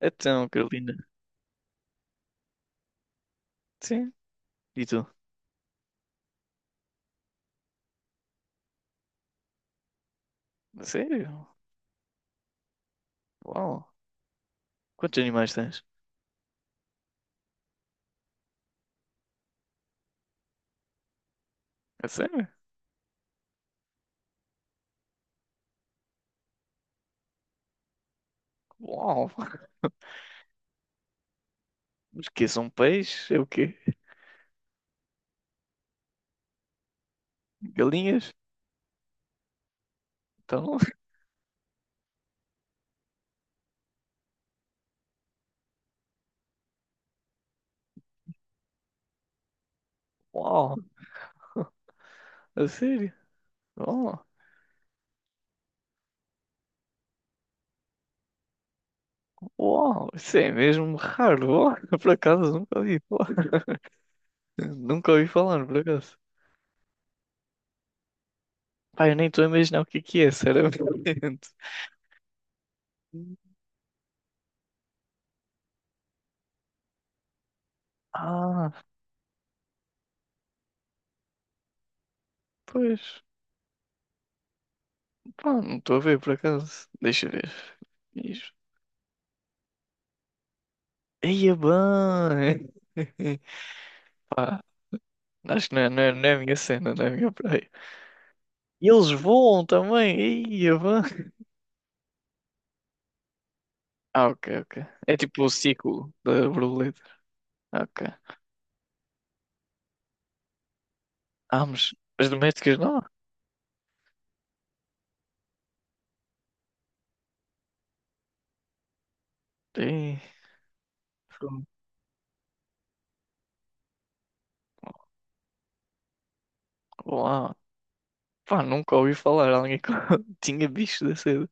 Então, Carolina. Sim. E tu? A sério? Uau. Quantos animais tens? A sério? Uau. Mas que são peixes? É o quê? Galinhas? Então, uau. A sério? Uau. Uau. Isso é mesmo raro. Uau. Por acaso, nunca ouvi falar. Nunca ouvi falar, por acaso. Pai, eu nem estou a imaginar o que é, sinceramente. Ah, pois. Pá, não estou a ver, por acaso. Deixa eu ver. Isso. Eia, bem. Acho que não é a minha cena, não é a minha praia. E eles voam também. Ia, vã. Ah, ok, ok. É tipo o ciclo da borboleta. Ok. Ah, mas as domésticas não? Ih, fogo. Uau. Pá, nunca ouvi falar alguém que tinha bicho da cedo.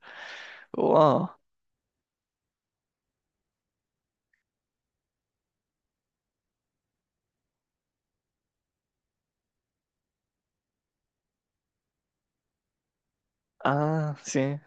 Uau. Ah, sim.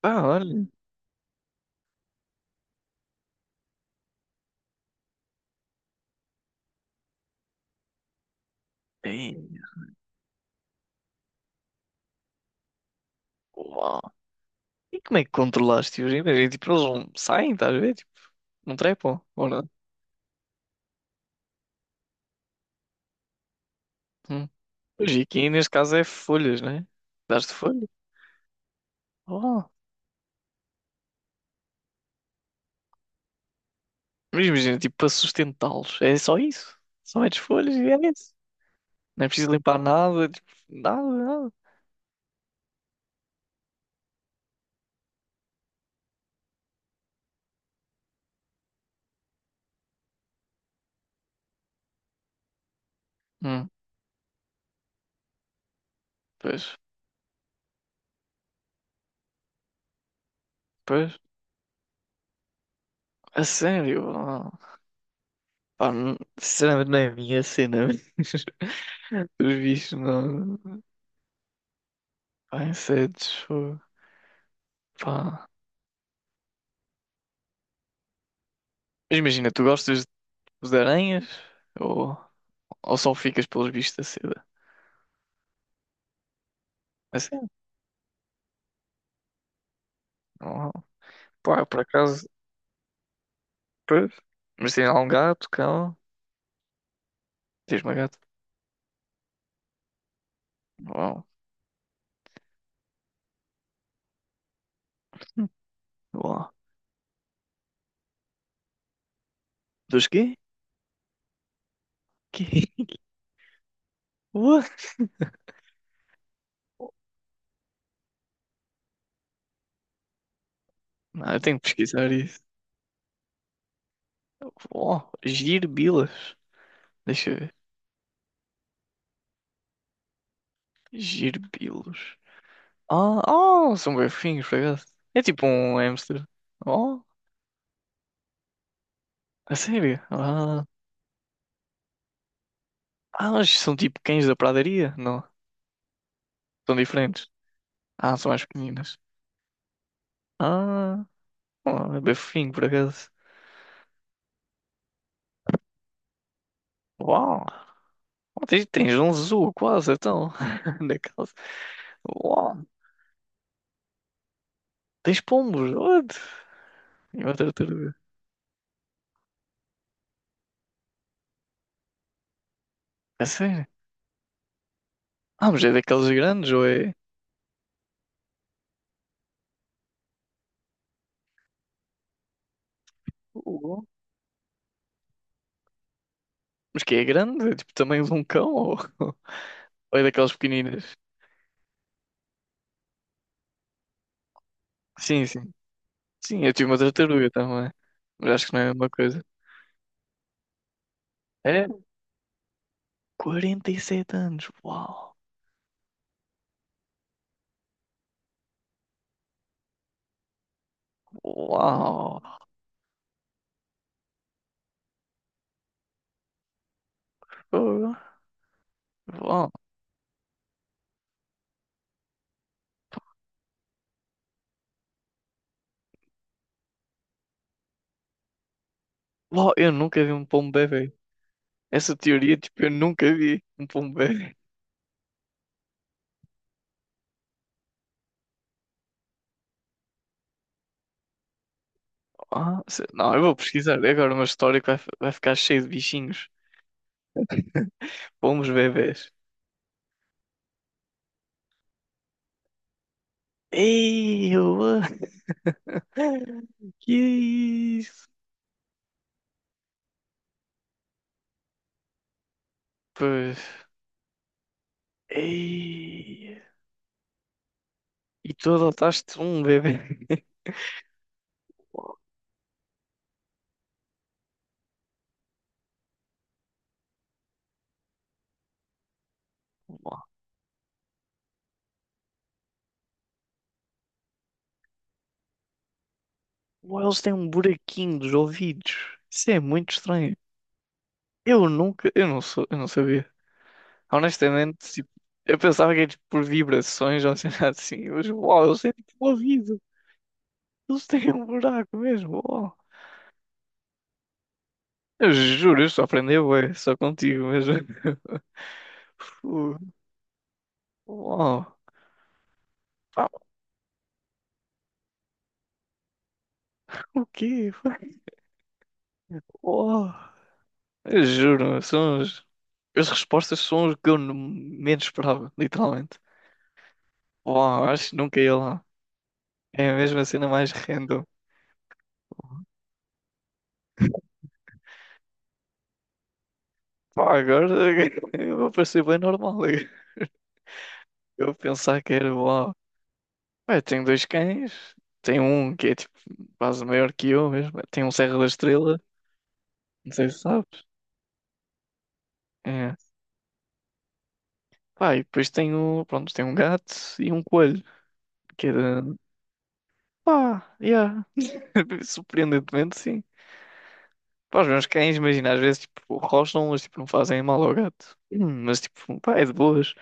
Pá, olha. Ei, uau. E como é que controlaste os invernos? Tipo, eles não saem, estás a ver? Tipo, não trepam, ou não? Hum. Pois, e aqui neste caso é folhas, né? Daste folhas? Mas imagina, tipo, para sustentá-los. É só isso. Só metes folhas e é isso. Não é preciso limpar nada, tipo, nada, nada. Hum, pois, pois. A sério? Ah, pá, sinceramente não é a minha cena. Mas os bichos não. Pá, insetos. Fogo. Pá. Mas imagina, tu gostas de aranhas ou, ou só ficas pelos bichos da seda? Assim? Não, pá, por acaso. Pois. Mas tem lá um gato, cão. Tens uma gata? Uau. Hum. Uau. Dos quê? Que? What? Não, eu tenho que pesquisar isso. Oh, girbilas. Deixa eu ver. Girbilos. Ah, oh, são bem fofinhos, por acaso. É tipo um hamster. Oh, a sério? Ah, mas são tipo cães da pradaria? Não, são diferentes. Ah, são mais pequeninas. Ah, oh, é bem fofinho, por acaso. Uau, oh, tens um zoo quase, então. Na casa. Uau, tens pombos, what? E uma tartaruga. A sério? Ah, mas é daqueles grandes ou é. Uh, Mas que é grande? É tipo, tamanho de um cão? Ou, ou é daquelas pequeninas? Sim, sim. Sim, eu tive uma tartaruga também. Mas acho que não é a mesma coisa. É? 47 anos. Uau! Uau! Fogo. Uau! Uau! Eu nunca vi um pombo bebê. Essa teoria, tipo, eu nunca vi um pombo bebê. Ah, não, eu vou pesquisar. É agora uma história que vai ficar cheio de bichinhos. Pombos bebês. Ei, eu. Que isso? Pois. Ei, e tu adotaste um bebê. Ou eles têm um buraquinho dos ouvidos. Isso é muito estranho. Eu nunca, eu não sou, eu não sabia. Honestamente, tipo, eu pensava que era tipo, por vibrações ou sei lá assim, mas uau, eles têm tipo um ouvido. Eles têm um buraco mesmo. Uau. Eu juro, eu só aprendi, ué, só contigo mesmo. Fu, uau. Pá, o quê? Uau. Eu juro, são uns. As respostas são as que eu menos esperava, literalmente. Uau, acho que nunca ia lá. É a mesma cena mais random. Pá, agora eu vou parecer bem normal. Eu pensar que era uau. Ué, tenho dois cães. Tem um que é tipo quase maior que eu mesmo. Tem um Serra da Estrela. Não sei se sabes. É. Pá, e depois tenho, pronto, tenho um gato e um coelho. Que era. Pá, yeah. Surpreendentemente, sim. Pá, os meus cães, imagina, às vezes, tipo, rosnam, mas, tipo, não fazem mal ao gato. Mas, tipo, pá, é de boas.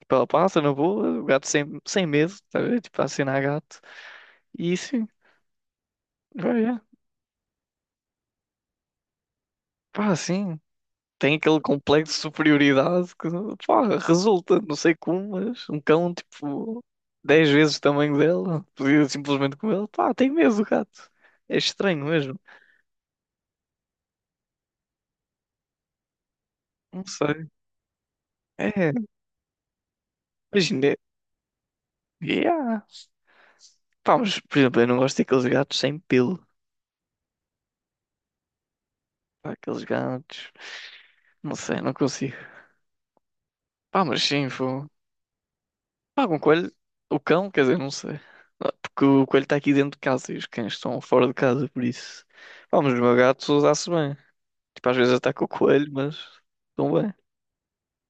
Tipo, ela passa na boa, o gato sem medo, tá a ver? Tipo, a acenar gato. E sim, vai, é. Pá, sim. Tem aquele complexo de superioridade que, pá, resulta, não sei como, mas um cão, tipo, 10 vezes o tamanho dela, podia simplesmente com ele, pá, tem medo do gato. É estranho mesmo. Não sei. É, imagina, yeah. Pá, mas, por exemplo, eu não gosto daqueles gatos sem pelo. Pá, aqueles gatos. Não sei, não consigo. Pá, mas sim, fogo. Pá, com o coelho. O cão, quer dizer, não sei. Ah, porque o coelho está aqui dentro de casa e os cães estão fora de casa, por isso. Pá, mas o meu gato dá-se bem. Tipo, às vezes ataca o coelho, mas estão bem.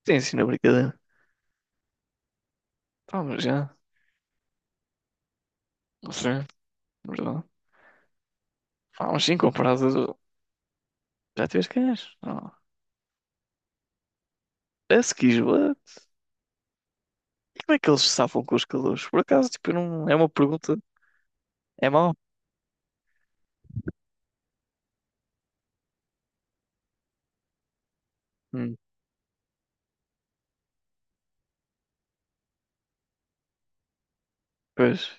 Sim, sim, na brincadeira. Pá, mas já. Não sei, verdade. Pá, mas sim, comparado. Já tiveste cães? Não. Parece que esbate. E como é que eles se safam com os calores? Por acaso, tipo, eu não. É uma pergunta. É mau? Hum, pois.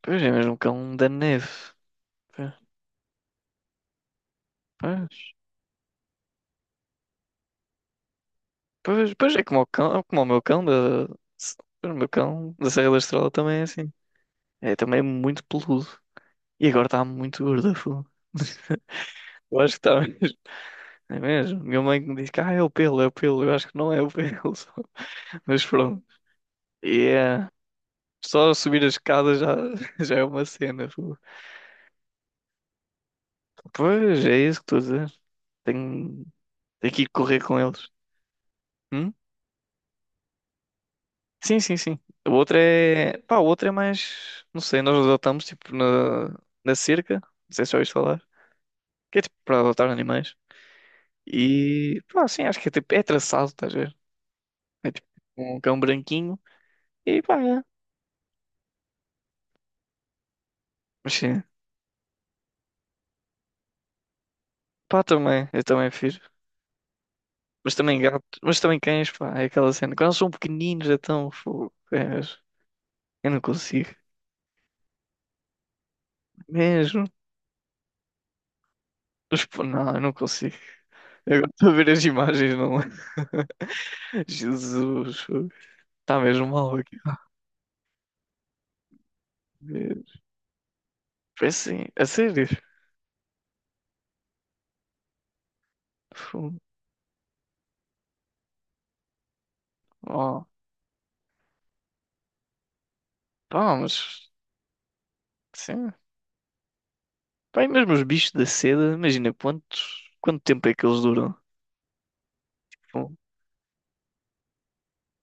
Pois é mesmo cão da neve. Pois, pois, pois é como o cão, é como o meu cão da Serra da Estrela também é assim. Também é muito peludo. E agora está muito gordo, fogo. Eu acho que está mesmo. É mesmo. Minha mãe que me diz que é o pelo, é o pelo. Eu acho que não é o pelo. Mas pronto. E é. Só subir a escada já, já é uma cena. Fogo. Pois é isso que estou a dizer. Tenho, tenho que ir correr com eles. Hum? Sim, sim, sim. O outro é. Pá, o outro é mais. Não sei, nós adotamos tipo na cerca. Não sei se já ouviste falar. Que é tipo para adotar animais. E pá, sim, acho que é tipo. É traçado, estás a ver? É tipo um cão branquinho. E pá, é. Mas sim. Pá, também. Eu também fiz. Mas também gato. Mas também cães, pá. É aquela cena. Quando eles são pequeninos, é tão. Fogo. É mesmo. Eu não consigo. Mesmo. Mas, pô, não, eu não consigo. Eu gosto de ver as imagens, não, é? Jesus, fogo. Tá mesmo mal aqui. Foi assim, a sério. Fogo. Oh, pá, mas sim. Pá, e mesmo os bichos da seda, imagina quanto tempo é que eles duram? Fogo.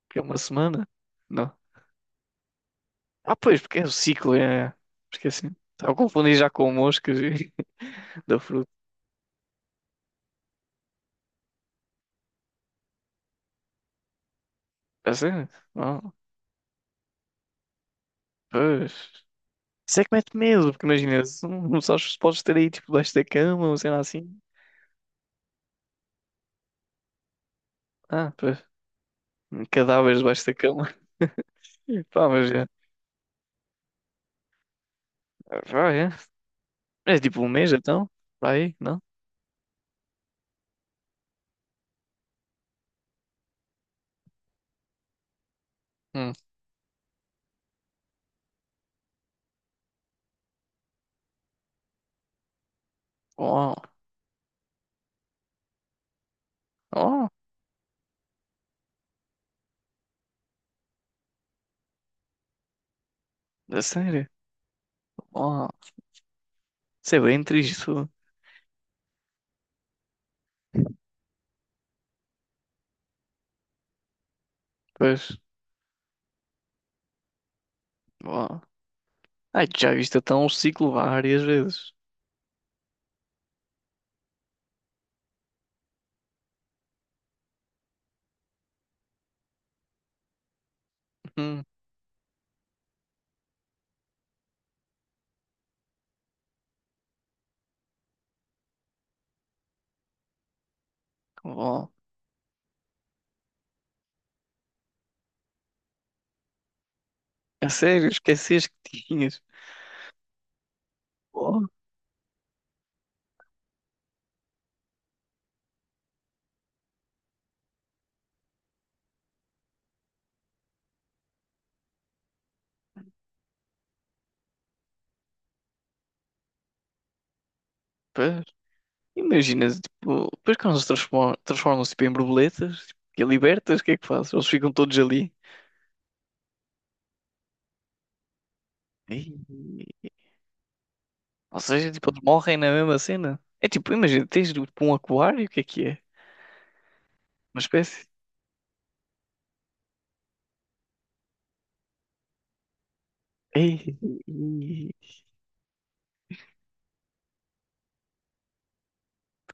Que é uma semana? Não. Ah, pois, porque é o ciclo, é. Esqueci. Estava a confundir já com moscas Da fruta. A sério? Oh, pois. Isso é que mete medo, porque imagina, se não não sabes se podes ter aí tipo debaixo da cama, ou sei lá assim. Ah, pois. Cadáveres debaixo da cama. E pá, mas é. Pá, é. É tipo um mês então? Para aí, não? Hum. Oh, oh, a sério? Oh, isso é bem triste. Pois, oh. Ai, tu já viste até um ciclo várias vezes. Hum. Oh, a sério, esqueceste que tinhas. Oh, pois, imagina, tipo, depois quando eles transformam-se tipo, em borboletas tipo, e libertas, o que é que fazes? Eles ficam todos ali. Ei. Ou seja, tipo, eles morrem na mesma cena. É tipo, imagina, tens tipo, um aquário, o que é que é? Uma espécie. Ei.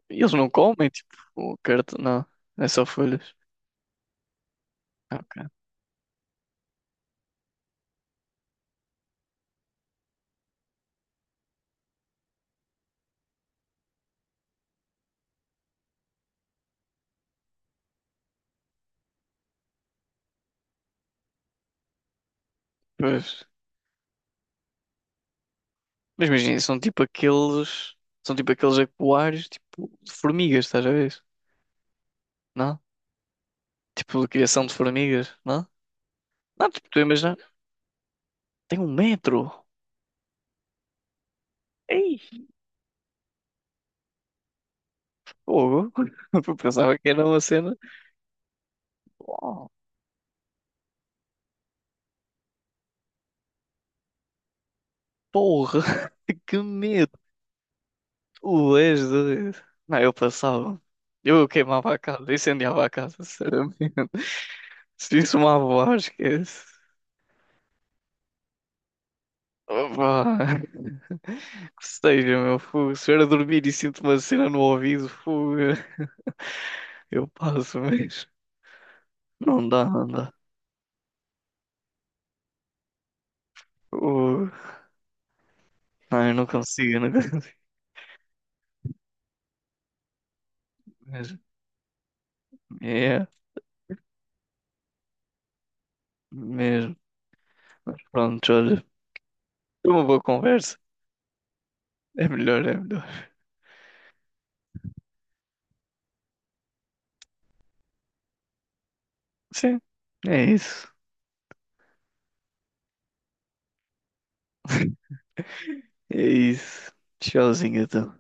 E eles não comem, tipo, o cartão, não, é só folhas. Ah, ok. Pois. Mas imagina, são tipo aqueles aquários, tipo, de formigas, estás a ver? Não? Tipo, de criação de formigas, não? Não, tipo, tu imaginas, tem um metro. Ei, fogo. Eu pensava que era uma cena. Oh, porra, que medo. Tu és doido. Não, eu passava. Eu queimava a casa, incendiava a casa, sinceramente. Se isso me avoar, esquece. Opa. Que seja, meu fogo. Se eu a dormir e sinto uma cena no ouvido, fogo, eu passo, mas não dá, não dá. Fogo. Não, eu não consigo mesmo. É, mesmo. Pronto, olha. Foi uma boa conversa. É melhor, é melhor. Sim, é isso. É isso. Tchauzinho, então.